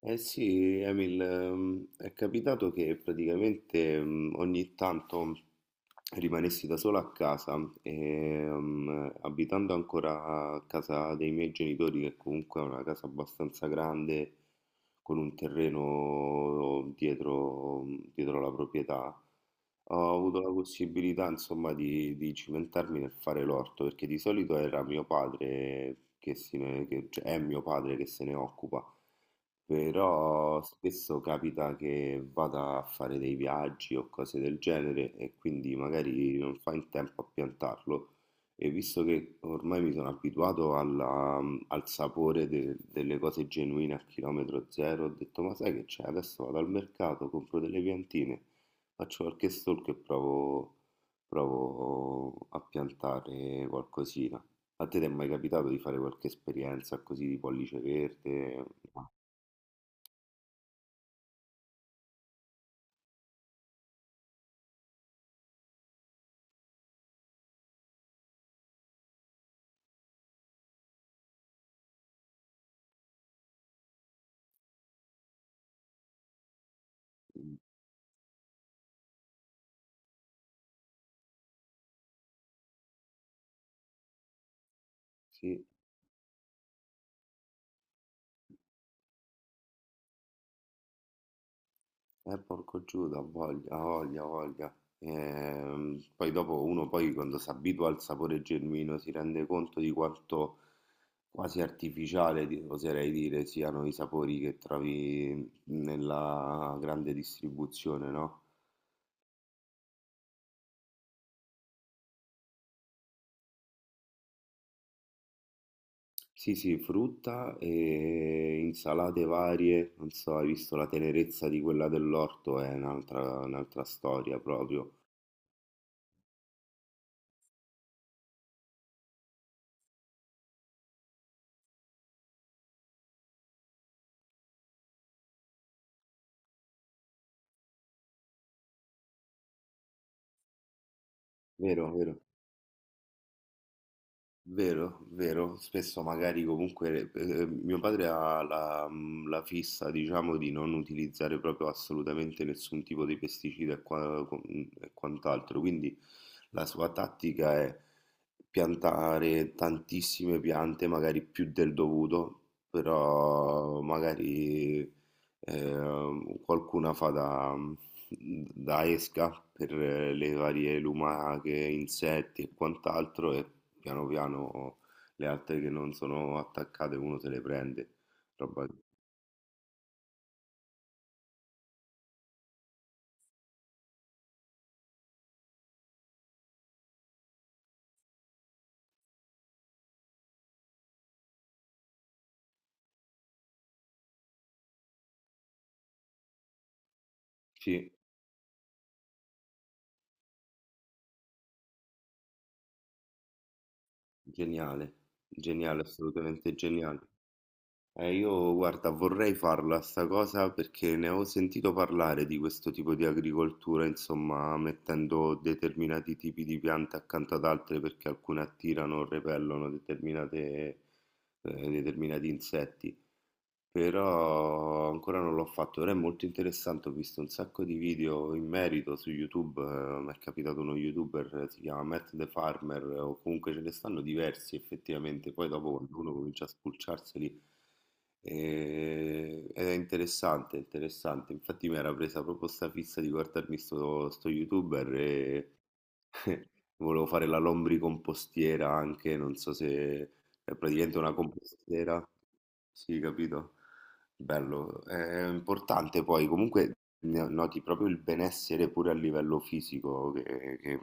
Eh sì, Emil, è capitato che praticamente ogni tanto rimanessi da solo a casa e abitando ancora a casa dei miei genitori, che comunque è una casa abbastanza grande, con un terreno dietro, dietro la proprietà, ho avuto la possibilità, insomma, di cimentarmi nel fare l'orto, perché di solito era mio padre che, se ne- che- cioè, è mio padre che se ne occupa. Però spesso capita che vada a fare dei viaggi o cose del genere e quindi magari non fa in tempo a piantarlo. E visto che ormai mi sono abituato al sapore delle cose genuine a chilometro zero, ho detto: "Ma sai che c'è? Adesso vado al mercato, compro delle piantine, faccio qualche stalk e provo a piantare qualcosina." A te ti è mai capitato di fare qualche esperienza così di pollice verde? Sì, porco Giuda, ha voglia, ha voglia, ha voglia. Poi dopo uno poi quando si abitua al sapore genuino si rende conto di quanto quasi artificiale, oserei dire, siano i sapori che trovi nella grande distribuzione, no? Sì, sì, frutta e insalate varie, non so, hai visto la tenerezza di quella dell'orto, è un'altra storia proprio, vero, vero? Vero, vero, spesso magari comunque mio padre ha la fissa, diciamo, di non utilizzare proprio assolutamente nessun tipo di pesticida e quant'altro, quindi la sua tattica è piantare tantissime piante, magari più del dovuto, però magari qualcuna fa da esca per le varie lumache, insetti e quant'altro e piano piano le altre che non sono attaccate uno se le prende. Roba. Sì, geniale, geniale, assolutamente geniale. Io guarda, vorrei farla sta cosa perché ne ho sentito parlare di questo tipo di agricoltura, insomma, mettendo determinati tipi di piante accanto ad altre perché alcune attirano o repellono determinati insetti. Però ancora non l'ho fatto, però è molto interessante, ho visto un sacco di video in merito su YouTube, mi è capitato uno YouTuber, si chiama Matt the Farmer, o comunque ce ne stanno diversi effettivamente, poi dopo quando uno comincia a spulciarseli ed è interessante, interessante, infatti mi era presa proprio sta fissa di guardarmi sto YouTuber e volevo fare la lombricompostiera anche, non so se è praticamente una compostiera. Sì, capito? Bello. È importante poi, comunque noti proprio il benessere pure a livello fisico che, che,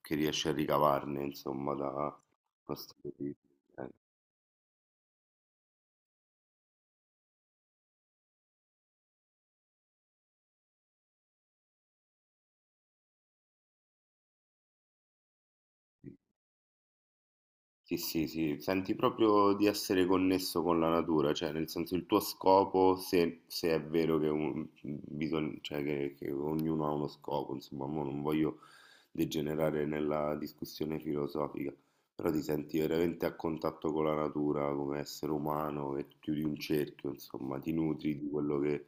che riesci a ricavarne, insomma, da questo. Sì, sì, sì, senti proprio di essere connesso con la natura, cioè nel senso il tuo scopo, se è vero che, cioè, che ognuno ha uno scopo, insomma, mo non voglio degenerare nella discussione filosofica, però ti senti veramente a contatto con la natura come essere umano e chiudi un cerchio, insomma, ti nutri di quello che,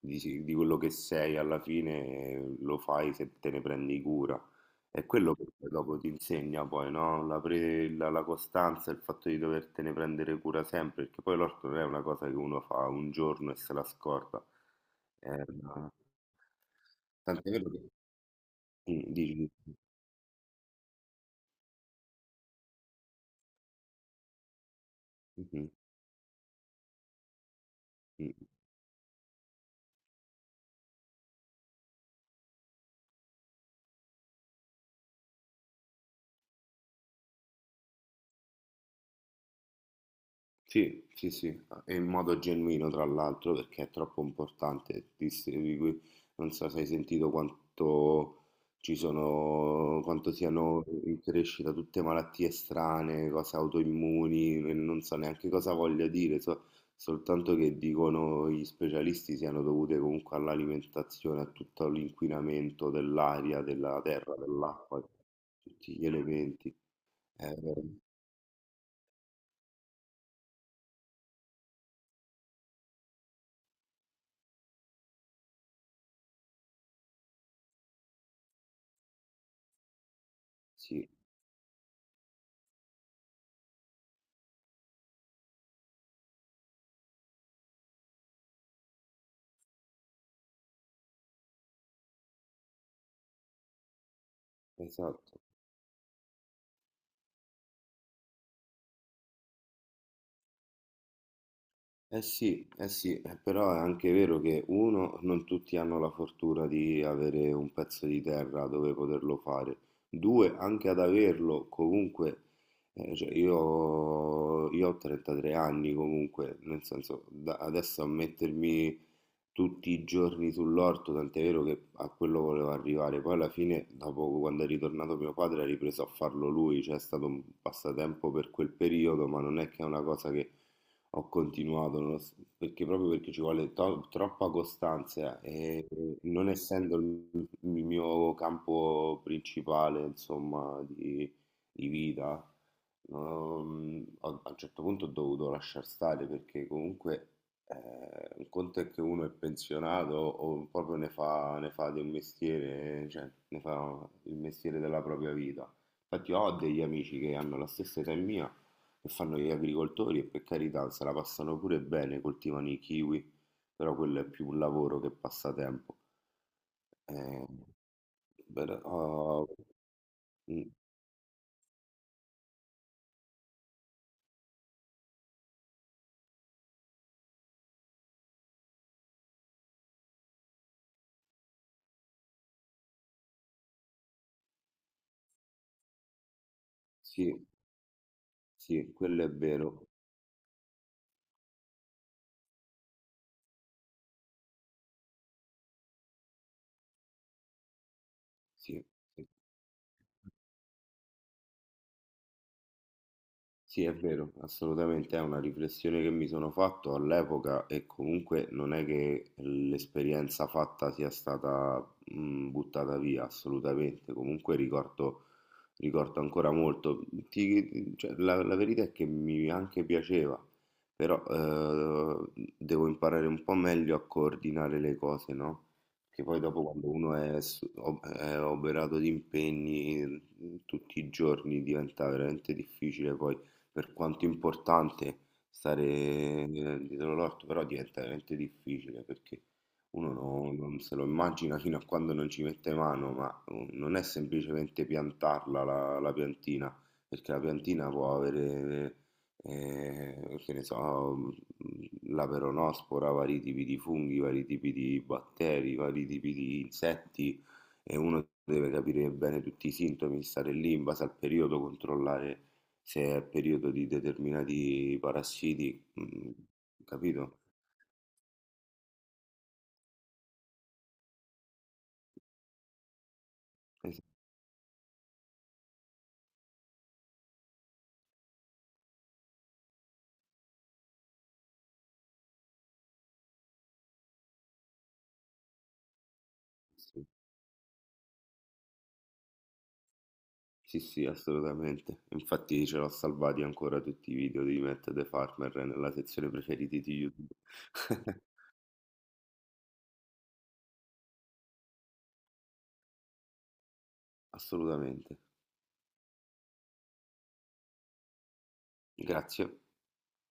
di quello che sei alla fine, lo fai se te ne prendi cura. È quello che poi dopo ti insegna poi, no? La costanza, il fatto di dovertene prendere cura sempre, perché poi l'orto non è una cosa che uno fa un giorno e se la scorda. È una. Tant'è vero che. Mm, dici, dici. Mhm, mm. Mm. Sì, sì, sì, ah, e in modo genuino tra l'altro perché è troppo importante distribuirli. Non so se hai sentito quanto ci sono, quanto siano in crescita tutte malattie strane, cose autoimmuni, e non so neanche cosa voglio dire, soltanto che dicono gli specialisti siano dovute comunque all'alimentazione, a tutto l'inquinamento dell'aria, della terra, dell'acqua, tutti gli elementi. Eh, sì, esatto. Sì, eh sì, però è anche vero che uno, non tutti hanno la fortuna di avere un pezzo di terra dove poterlo fare. Due, anche ad averlo, comunque, cioè io ho 33 anni comunque, nel senso, adesso a mettermi tutti i giorni sull'orto, tant'è vero che a quello volevo arrivare. Poi alla fine, dopo quando è ritornato mio padre, ha ripreso a farlo lui, cioè è stato un passatempo per quel periodo, ma non è che è una cosa che ho continuato perché proprio perché ci vuole troppa costanza e non essendo il mio campo principale, insomma, di vita, a un certo punto ho dovuto lasciar stare perché comunque un conto è che uno è pensionato o proprio ne fa di un mestiere, cioè ne fa il mestiere della propria vita. Infatti ho degli amici che hanno la stessa età mia che fanno gli agricoltori e per carità se la passano pure bene, coltivano i kiwi, però quello è più un lavoro che passatempo. Eh, però, mm, sì, sì, quello è vero, sì. Sì. Sì, è vero, assolutamente, è una riflessione che mi sono fatto all'epoca e comunque non è che l'esperienza fatta sia stata buttata via, assolutamente, comunque ricordo ancora molto. Cioè, la verità è che mi anche piaceva, però devo imparare un po' meglio a coordinare le cose, no? Che poi dopo quando uno è oberato di impegni tutti i giorni diventa veramente difficile poi per quanto importante stare dietro l'orto, però diventa veramente difficile perché uno non se lo immagina fino a quando non ci mette mano, ma non è semplicemente piantarla la piantina, perché la piantina può avere, che ne so, mh, la peronospora, vari tipi di funghi, vari tipi di batteri, vari tipi di insetti e uno deve capire bene tutti i sintomi, stare lì in base al periodo, controllare se è periodo di determinati parassiti, capito? Sì, sì, sì, sì, assolutamente. Infatti ce l'ho salvati ancora tutti i video di Matt the Farmer nella sezione preferiti di YouTube. Assolutamente. Grazie.